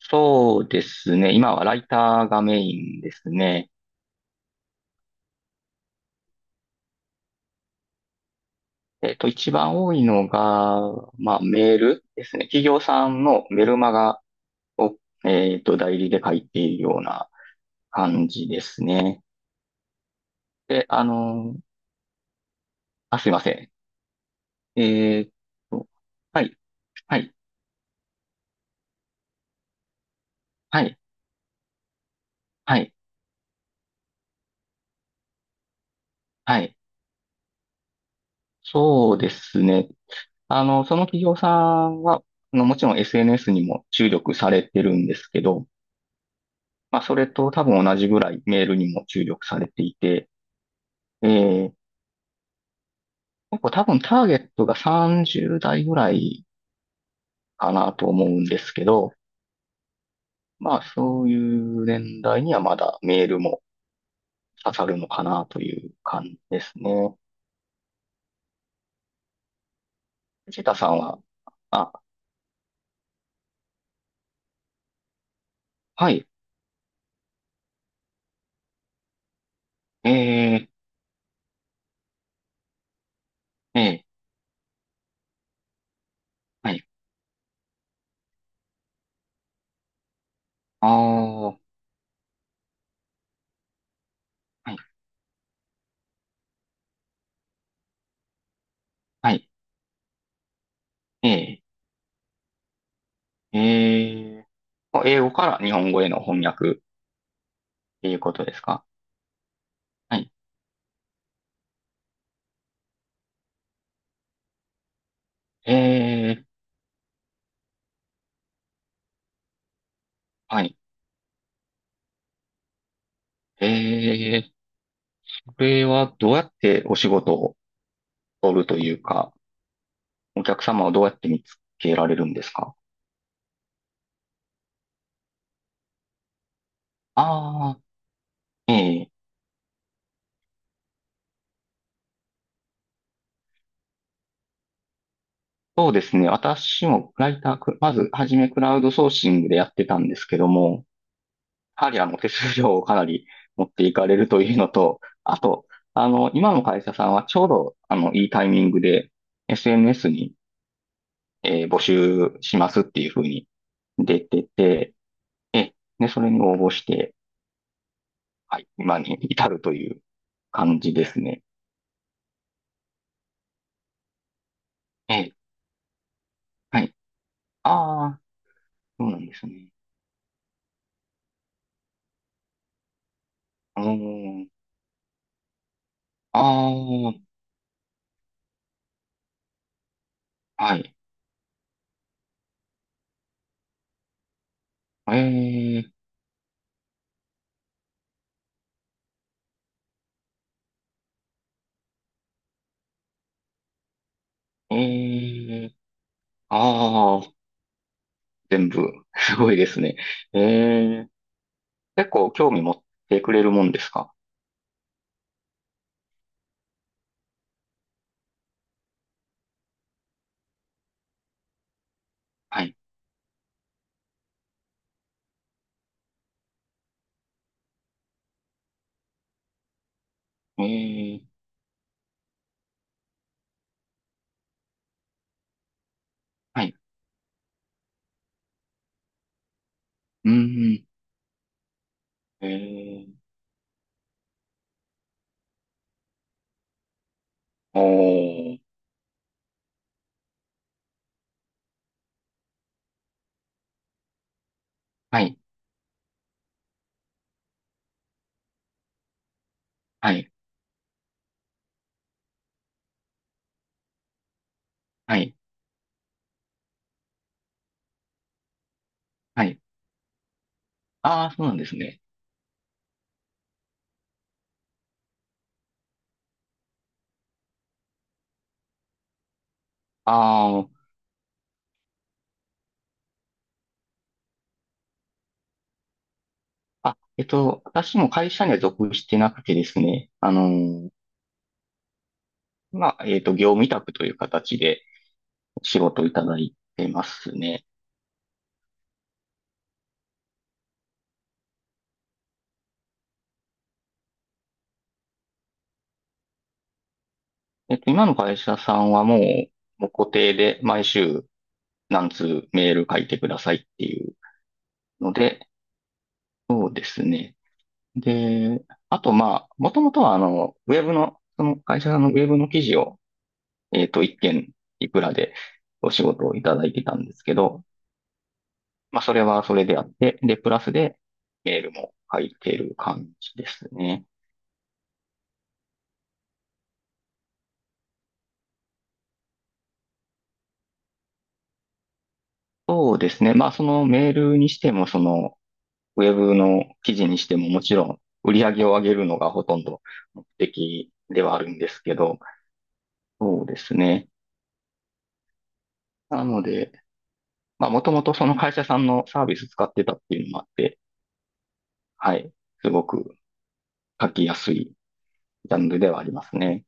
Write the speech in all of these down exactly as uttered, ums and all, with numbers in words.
そうですね。今はライターがメインですね。えっと、一番多いのが、まあ、メールですね。企業さんのメルマガを、えっと、代理で書いているような感じですね。で、あの、あ、すいません。えっと、はい、はい、はい、はい、はい。そうですね。あの、その企業さんは、あのもちろん エスエヌエス にも注力されてるんですけど、まあ、それと多分同じぐらいメールにも注力されていて、えー、結構多分ターゲットがさんじゅう代ぐらいかなと思うんですけど、まあ、そういう年代にはまだメールも刺さるのかなという感じですね。藤田さんは、あ、はい、えー、えー、はい、ああはい、はい、えー、えー、英語から日本語への翻訳っていうことですか？はい、えー、はい、えー、これはどうやってお仕事を取るというか、お客様をどうやって見つけられるんですか？ああええ、そうですね。私もライター、くまずはじめクラウドソーシングでやってたんですけども、やはりあの手数料をかなり持っていかれるというのと、あと、あの、今の会社さんはちょうどあの、いいタイミングで エスエヌエス に、えー募集しますっていうふうに出てて、え、で、それに応募して、はい、今に至るという感じですね。ええ、はい。ああ、そうなんですね。あのああ、はい。ええ、ええ、ああ、全部、すごいですね。ええ、結構興味持ってくれるもんですか？はい。ええ、はい。うん、ええ、おー、はい、はい、はい、はい。ああ、そうなんですね。ああ、あ、えっと、私も会社には属してなくてですね、あのー、まあ、えっと、業務委託という形で仕事をいただいてますね。えっと、今の会社さんはもう、もう固定で毎週何通メール書いてくださいっていうので、そうですね。で、あと、まあ、もともとは、あの、ウェブの、その会社さんのウェブの記事を、えっと、一件いくらでお仕事をいただいてたんですけど、まあ、それはそれであって、で、プラスで、メールも入ってる感じですね。そうですね。まあ、そのメールにしても、その、ウェブの記事にしても、もちろん、売り上げを上げるのがほとんど目的ではあるんですけど、そうですね。なので、まあ、もともとその会社さんのサービス使ってたっていうのもあって、はい、すごく書きやすいジャンルではありますね。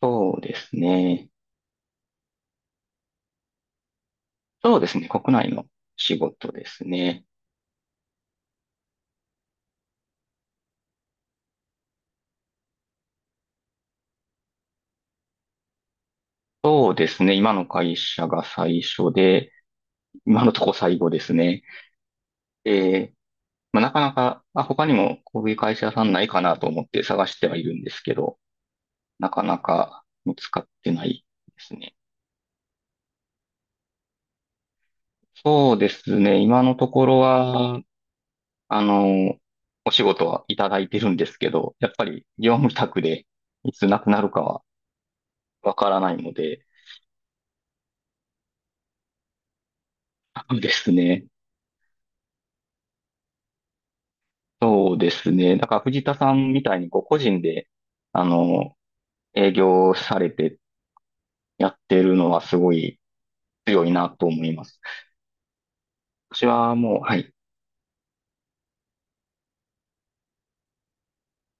そうですね。そうですね。国内の仕事ですね。そうですね。今の会社が最初で、今のとこ最後ですね。えまあ、なかなか、あ、他にもこういう会社さんないかなと思って探してはいるんですけど、なかなか見つかってないですね。そうですね。今のところは、あの、お仕事はいただいてるんですけど、やっぱり業務委託でいつなくなるかはわからないので、そうですね。そうですね。だから藤田さんみたいにこう個人で、あの、営業されてやってるのはすごい強いなと思います。私はもう、はい、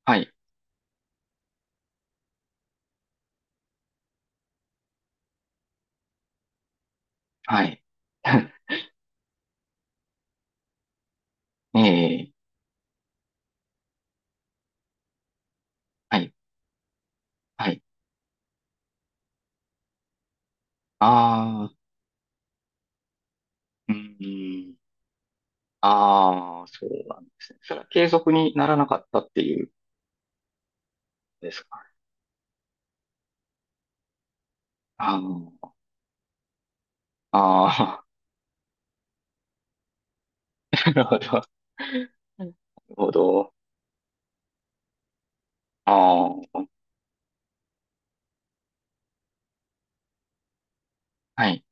はい、はい。ええ、はい、はい。ああ、うん、ああ、そうなんですね。それは継続にならなかったっていうんですか。あの、ああ、なるほど。なるほど。ああ、はい。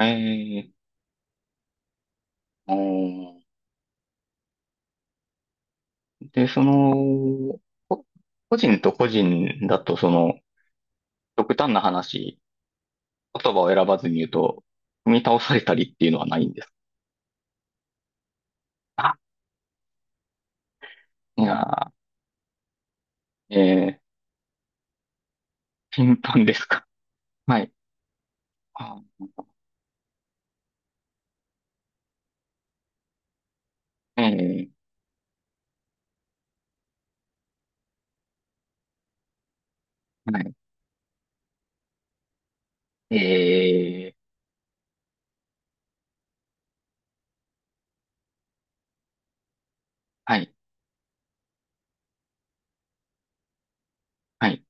ええ、おーで、その、こ個人と個人だと、その、極端な話、言葉を選ばずに言うと、踏み倒されたりっていうのはないんですか？あ、いやー、えー、頻繁ですか？はい。あ、えー、はい。えー、はい、はい。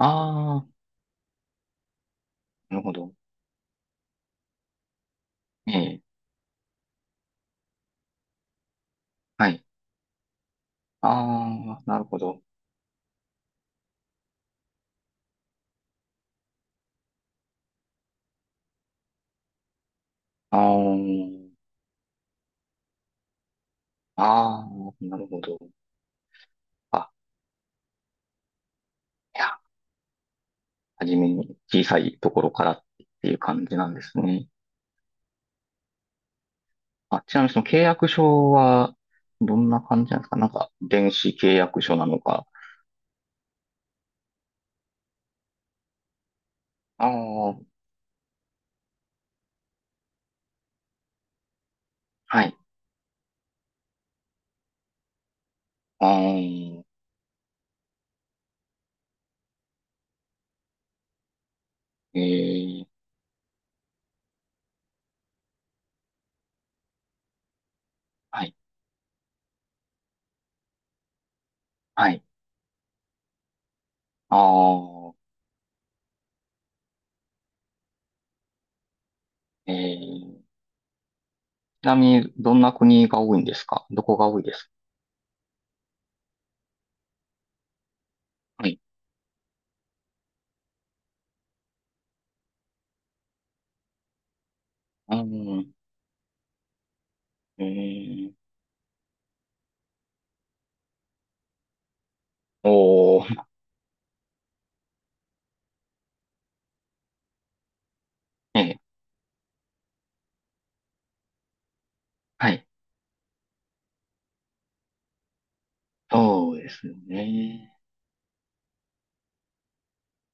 あー、なるほど。えー、はい。あー、なるほど。あー、あー、なるほど。あ、いや、はじめに小さいところからっていう感じなんですね。あ、ちなみにその契約書は、どんな感じなんですか？なんか、電子契約書なのか。ああ、はい。あー、えー、はい。はい。あー、えー、ちなみに、どんな国が多いんですか？どこが多いですか？はい。うーん、えー、おー、えー、はい。そうですね。